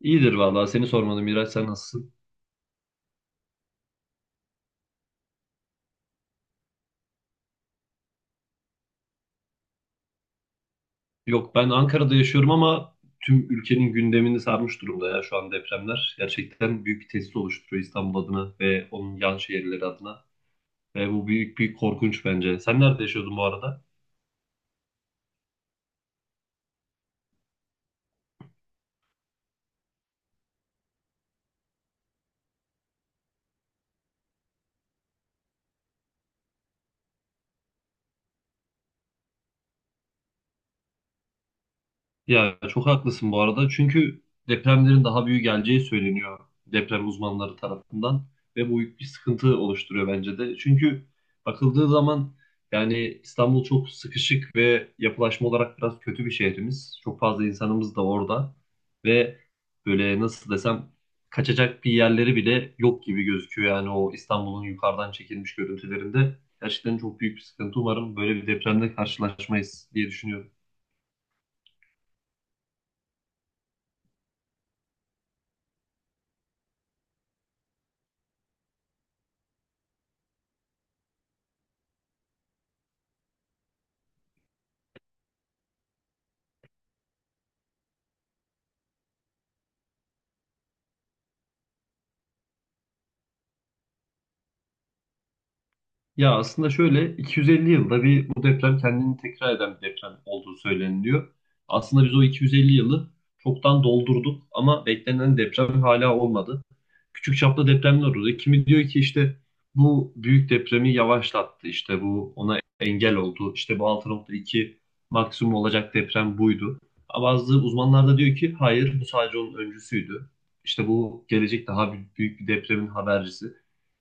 İyidir vallahi seni sormadım Miraç, sen nasılsın? Yok, ben Ankara'da yaşıyorum ama tüm ülkenin gündemini sarmış durumda ya şu an depremler. Gerçekten büyük bir tehdit oluşturuyor İstanbul adına ve onun yan şehirleri adına. Ve bu büyük bir korkunç bence. Sen nerede yaşıyordun bu arada? Ya çok haklısın bu arada. Çünkü depremlerin daha büyük geleceği söyleniyor deprem uzmanları tarafından ve bu büyük bir sıkıntı oluşturuyor bence de. Çünkü bakıldığı zaman yani İstanbul çok sıkışık ve yapılaşma olarak biraz kötü bir şehrimiz. Çok fazla insanımız da orada ve böyle nasıl desem kaçacak bir yerleri bile yok gibi gözüküyor. Yani o İstanbul'un yukarıdan çekilmiş görüntülerinde gerçekten çok büyük bir sıkıntı. Umarım böyle bir depremle karşılaşmayız diye düşünüyorum. Ya aslında şöyle 250 yılda bir bu deprem kendini tekrar eden bir deprem olduğu söyleniliyor. Aslında biz o 250 yılı çoktan doldurduk ama beklenen deprem hala olmadı. Küçük çaplı depremler oldu. Kimi diyor ki işte bu büyük depremi yavaşlattı. İşte bu ona engel oldu. İşte bu 6,2 maksimum olacak deprem buydu. Ama bazı uzmanlar da diyor ki hayır, bu sadece onun öncüsüydü. İşte bu gelecek daha büyük bir depremin habercisi.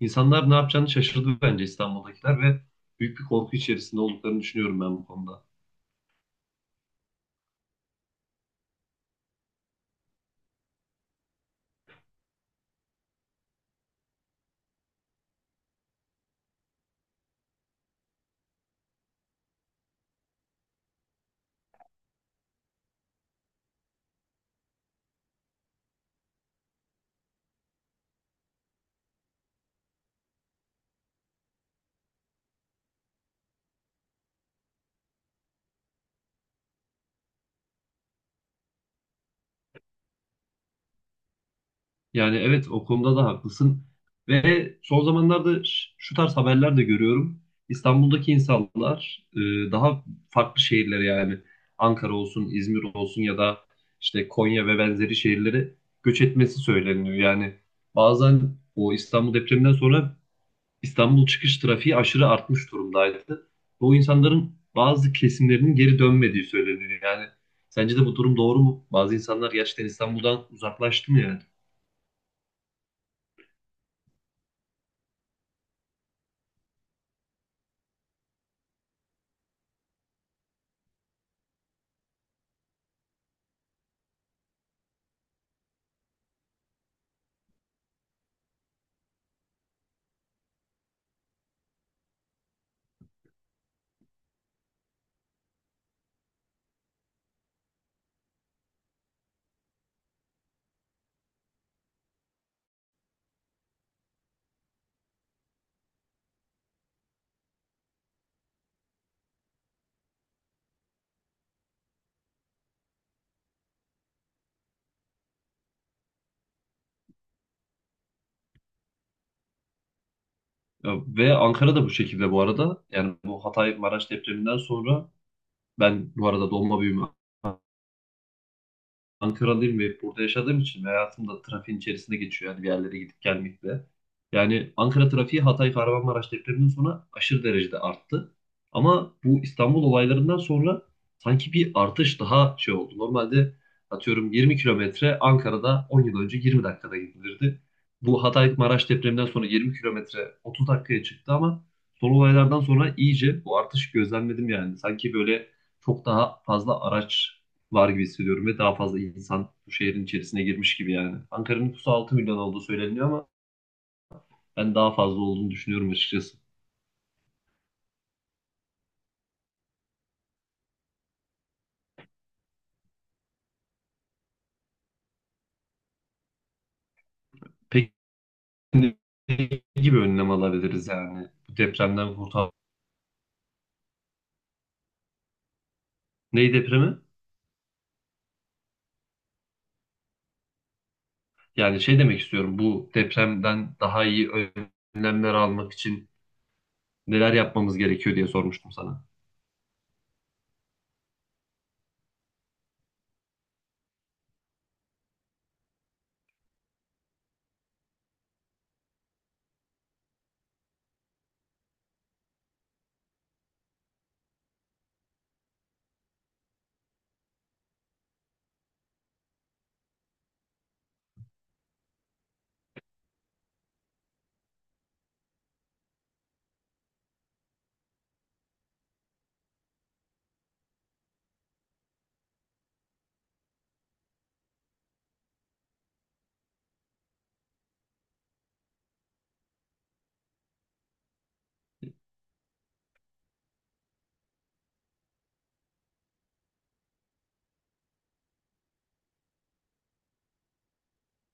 İnsanlar ne yapacağını şaşırdı bence İstanbul'dakiler ve büyük bir korku içerisinde olduklarını düşünüyorum ben bu konuda. Yani evet, o konuda da haklısın. Ve son zamanlarda şu tarz haberler de görüyorum. İstanbul'daki insanlar daha farklı şehirlere yani Ankara olsun, İzmir olsun ya da işte Konya ve benzeri şehirlere göç etmesi söyleniyor. Yani bazen o İstanbul depreminden sonra İstanbul çıkış trafiği aşırı artmış durumdaydı. Bu insanların bazı kesimlerinin geri dönmediği söyleniyor. Yani sence de bu durum doğru mu? Bazı insanlar gerçekten İstanbul'dan uzaklaştı mı yani? Ya ve Ankara da bu şekilde bu arada. Yani bu Hatay Maraş depreminden sonra, ben bu arada doğma büyüme Ankaralıyım ve burada yaşadığım için ve hayatım da trafiğin içerisinde geçiyor. Yani bir yerlere gidip gelmekle. Yani Ankara trafiği Hatay Kahramanmaraş depreminden sonra aşırı derecede arttı. Ama bu İstanbul olaylarından sonra sanki bir artış daha şey oldu. Normalde atıyorum 20 kilometre Ankara'da 10 yıl önce 20 dakikada gidilirdi. Bu Hatay Maraş depreminden sonra 20 kilometre 30 dakikaya çıktı ama son olaylardan sonra iyice bu artış gözlemledim yani. Sanki böyle çok daha fazla araç var gibi hissediyorum ve daha fazla insan bu şehrin içerisine girmiş gibi yani. Ankara'nın nüfusu 6 milyon olduğu söyleniyor ama ben daha fazla olduğunu düşünüyorum açıkçası. Peki ne gibi önlem alabiliriz yani bu depremden kurtar. Ney depremi? Yani şey demek istiyorum, bu depremden daha iyi önlemler almak için neler yapmamız gerekiyor diye sormuştum sana.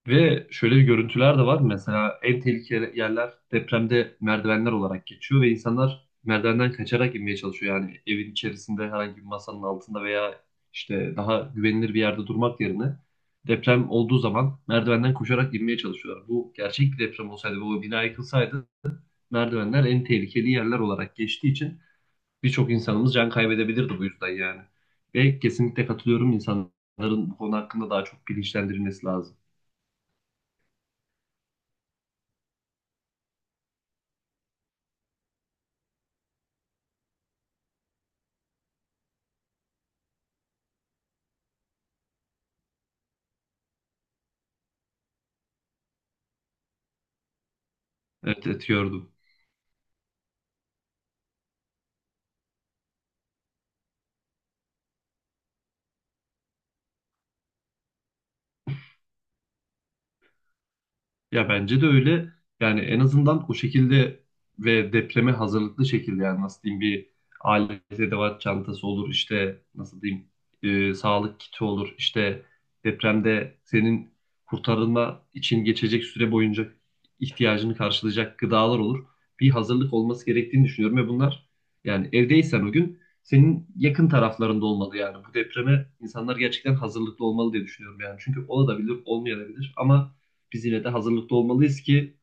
Ve şöyle bir görüntüler de var. Mesela en tehlikeli yerler depremde merdivenler olarak geçiyor ve insanlar merdivenden kaçarak inmeye çalışıyor. Yani evin içerisinde herhangi bir masanın altında veya işte daha güvenilir bir yerde durmak yerine deprem olduğu zaman merdivenden koşarak inmeye çalışıyorlar. Bu gerçek bir deprem olsaydı ve o bina yıkılsaydı, merdivenler en tehlikeli yerler olarak geçtiği için birçok insanımız can kaybedebilirdi bu yüzden yani. Ve kesinlikle katılıyorum, insanların bu konu hakkında daha çok bilinçlendirilmesi lazım. Evet, evet, gördüm. Ya bence de öyle. Yani en azından o şekilde ve depreme hazırlıklı şekilde yani nasıl diyeyim, bir alet edevat çantası olur, işte nasıl diyeyim, sağlık kiti olur, işte depremde senin kurtarılma için geçecek süre boyunca ihtiyacını karşılayacak gıdalar olur. Bir hazırlık olması gerektiğini düşünüyorum ve bunlar yani evdeysen o gün senin yakın taraflarında olmalı yani bu depreme insanlar gerçekten hazırlıklı olmalı diye düşünüyorum yani çünkü olabilir olmayabilir ama biz yine de hazırlıklı olmalıyız ki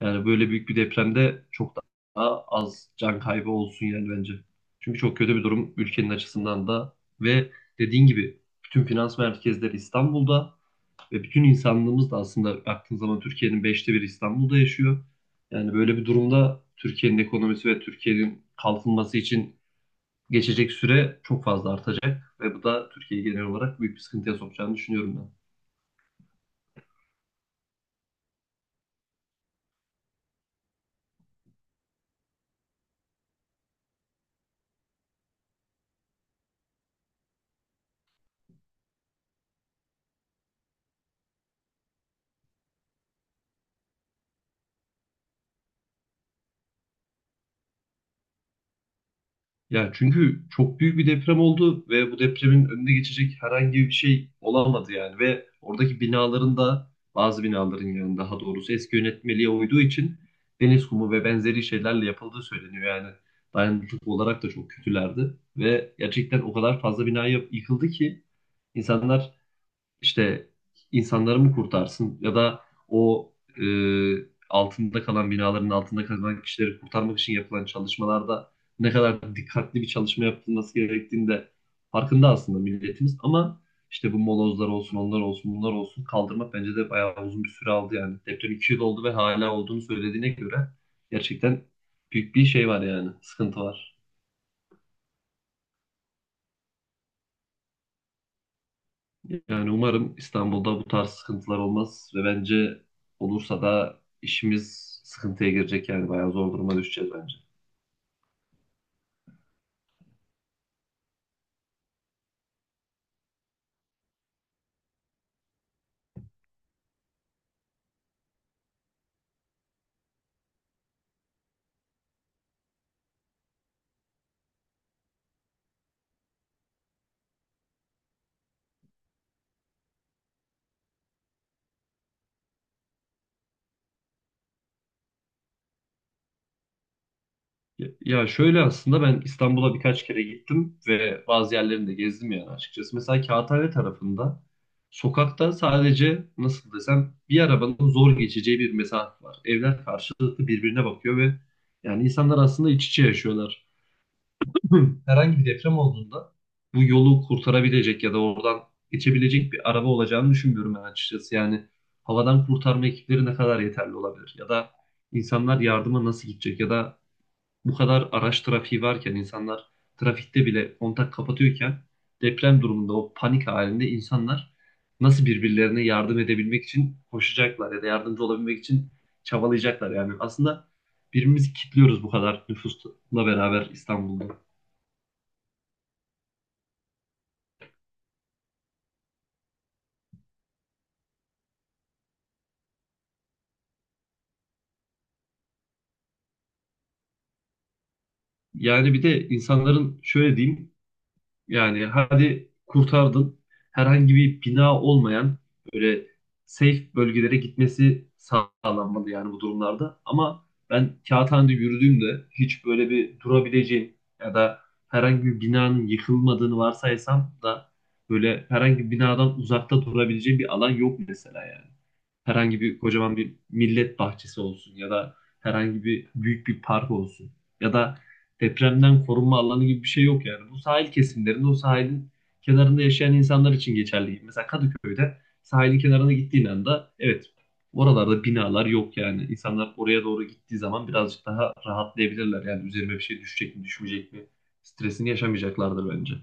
yani böyle büyük bir depremde çok daha az can kaybı olsun yani bence. Çünkü çok kötü bir durum ülkenin açısından da ve dediğin gibi bütün finans merkezleri İstanbul'da ve bütün insanlığımız da aslında baktığın zaman Türkiye'nin beşte biri İstanbul'da yaşıyor. Yani böyle bir durumda Türkiye'nin ekonomisi ve Türkiye'nin kalkınması için geçecek süre çok fazla artacak ve bu da Türkiye'yi genel olarak büyük bir sıkıntıya sokacağını düşünüyorum ben. Ya çünkü çok büyük bir deprem oldu ve bu depremin önüne geçecek herhangi bir şey olamadı yani ve oradaki binaların da bazı binaların yani daha doğrusu eski yönetmeliğe uyduğu için deniz kumu ve benzeri şeylerle yapıldığı söyleniyor yani dayanıklılık olarak da çok kötülerdi ve gerçekten o kadar fazla bina yıkıldı ki insanlar işte insanları mı kurtarsın ya da o e, altında kalan binaların altında kalan kişileri kurtarmak için yapılan çalışmalarda ne kadar dikkatli bir çalışma yapılması gerektiğinde farkında aslında milletimiz ama işte bu molozlar olsun, onlar olsun, bunlar olsun, kaldırmak bence de bayağı uzun bir süre aldı yani. Deprem 2 yıl oldu ve hala olduğunu söylediğine göre gerçekten büyük bir şey var yani, sıkıntı var. Yani umarım İstanbul'da bu tarz sıkıntılar olmaz ve bence olursa da işimiz sıkıntıya girecek yani bayağı zor duruma düşeceğiz bence. Ya ya şöyle, aslında ben İstanbul'a birkaç kere gittim ve bazı yerlerini de gezdim yani açıkçası. Mesela Kağıthane tarafında sokakta sadece nasıl desem bir arabanın zor geçeceği bir mesafe var. Evler karşılıklı birbirine bakıyor ve yani insanlar aslında iç içe yaşıyorlar. Herhangi bir deprem olduğunda bu yolu kurtarabilecek ya da oradan geçebilecek bir araba olacağını düşünmüyorum ben açıkçası. Yani havadan kurtarma ekipleri ne kadar yeterli olabilir? Ya da insanlar yardıma nasıl gidecek? Ya da bu kadar araç trafiği varken insanlar trafikte bile kontak kapatıyorken deprem durumunda o panik halinde insanlar nasıl birbirlerine yardım edebilmek için koşacaklar ya da yardımcı olabilmek için çabalayacaklar yani. Aslında birbirimizi kilitliyoruz bu kadar nüfusla beraber İstanbul'da. Yani bir de insanların şöyle diyeyim, yani hadi kurtardın, herhangi bir bina olmayan böyle safe bölgelere gitmesi sağlanmalı yani bu durumlarda. Ama ben Kağıthane'de yürüdüğümde hiç böyle bir durabileceğim ya da herhangi bir binanın yıkılmadığını varsaysam da böyle herhangi bir binadan uzakta durabileceğim bir alan yok mesela yani. Herhangi bir kocaman bir millet bahçesi olsun ya da herhangi bir büyük bir park olsun ya da depremden korunma alanı gibi bir şey yok yani. Bu sahil kesimlerinde o sahilin kenarında yaşayan insanlar için geçerli. Mesela Kadıköy'de sahilin kenarına gittiğin anda evet, oralarda binalar yok yani. İnsanlar oraya doğru gittiği zaman birazcık daha rahatlayabilirler. Yani üzerime bir şey düşecek mi düşmeyecek mi stresini yaşamayacaklardır bence.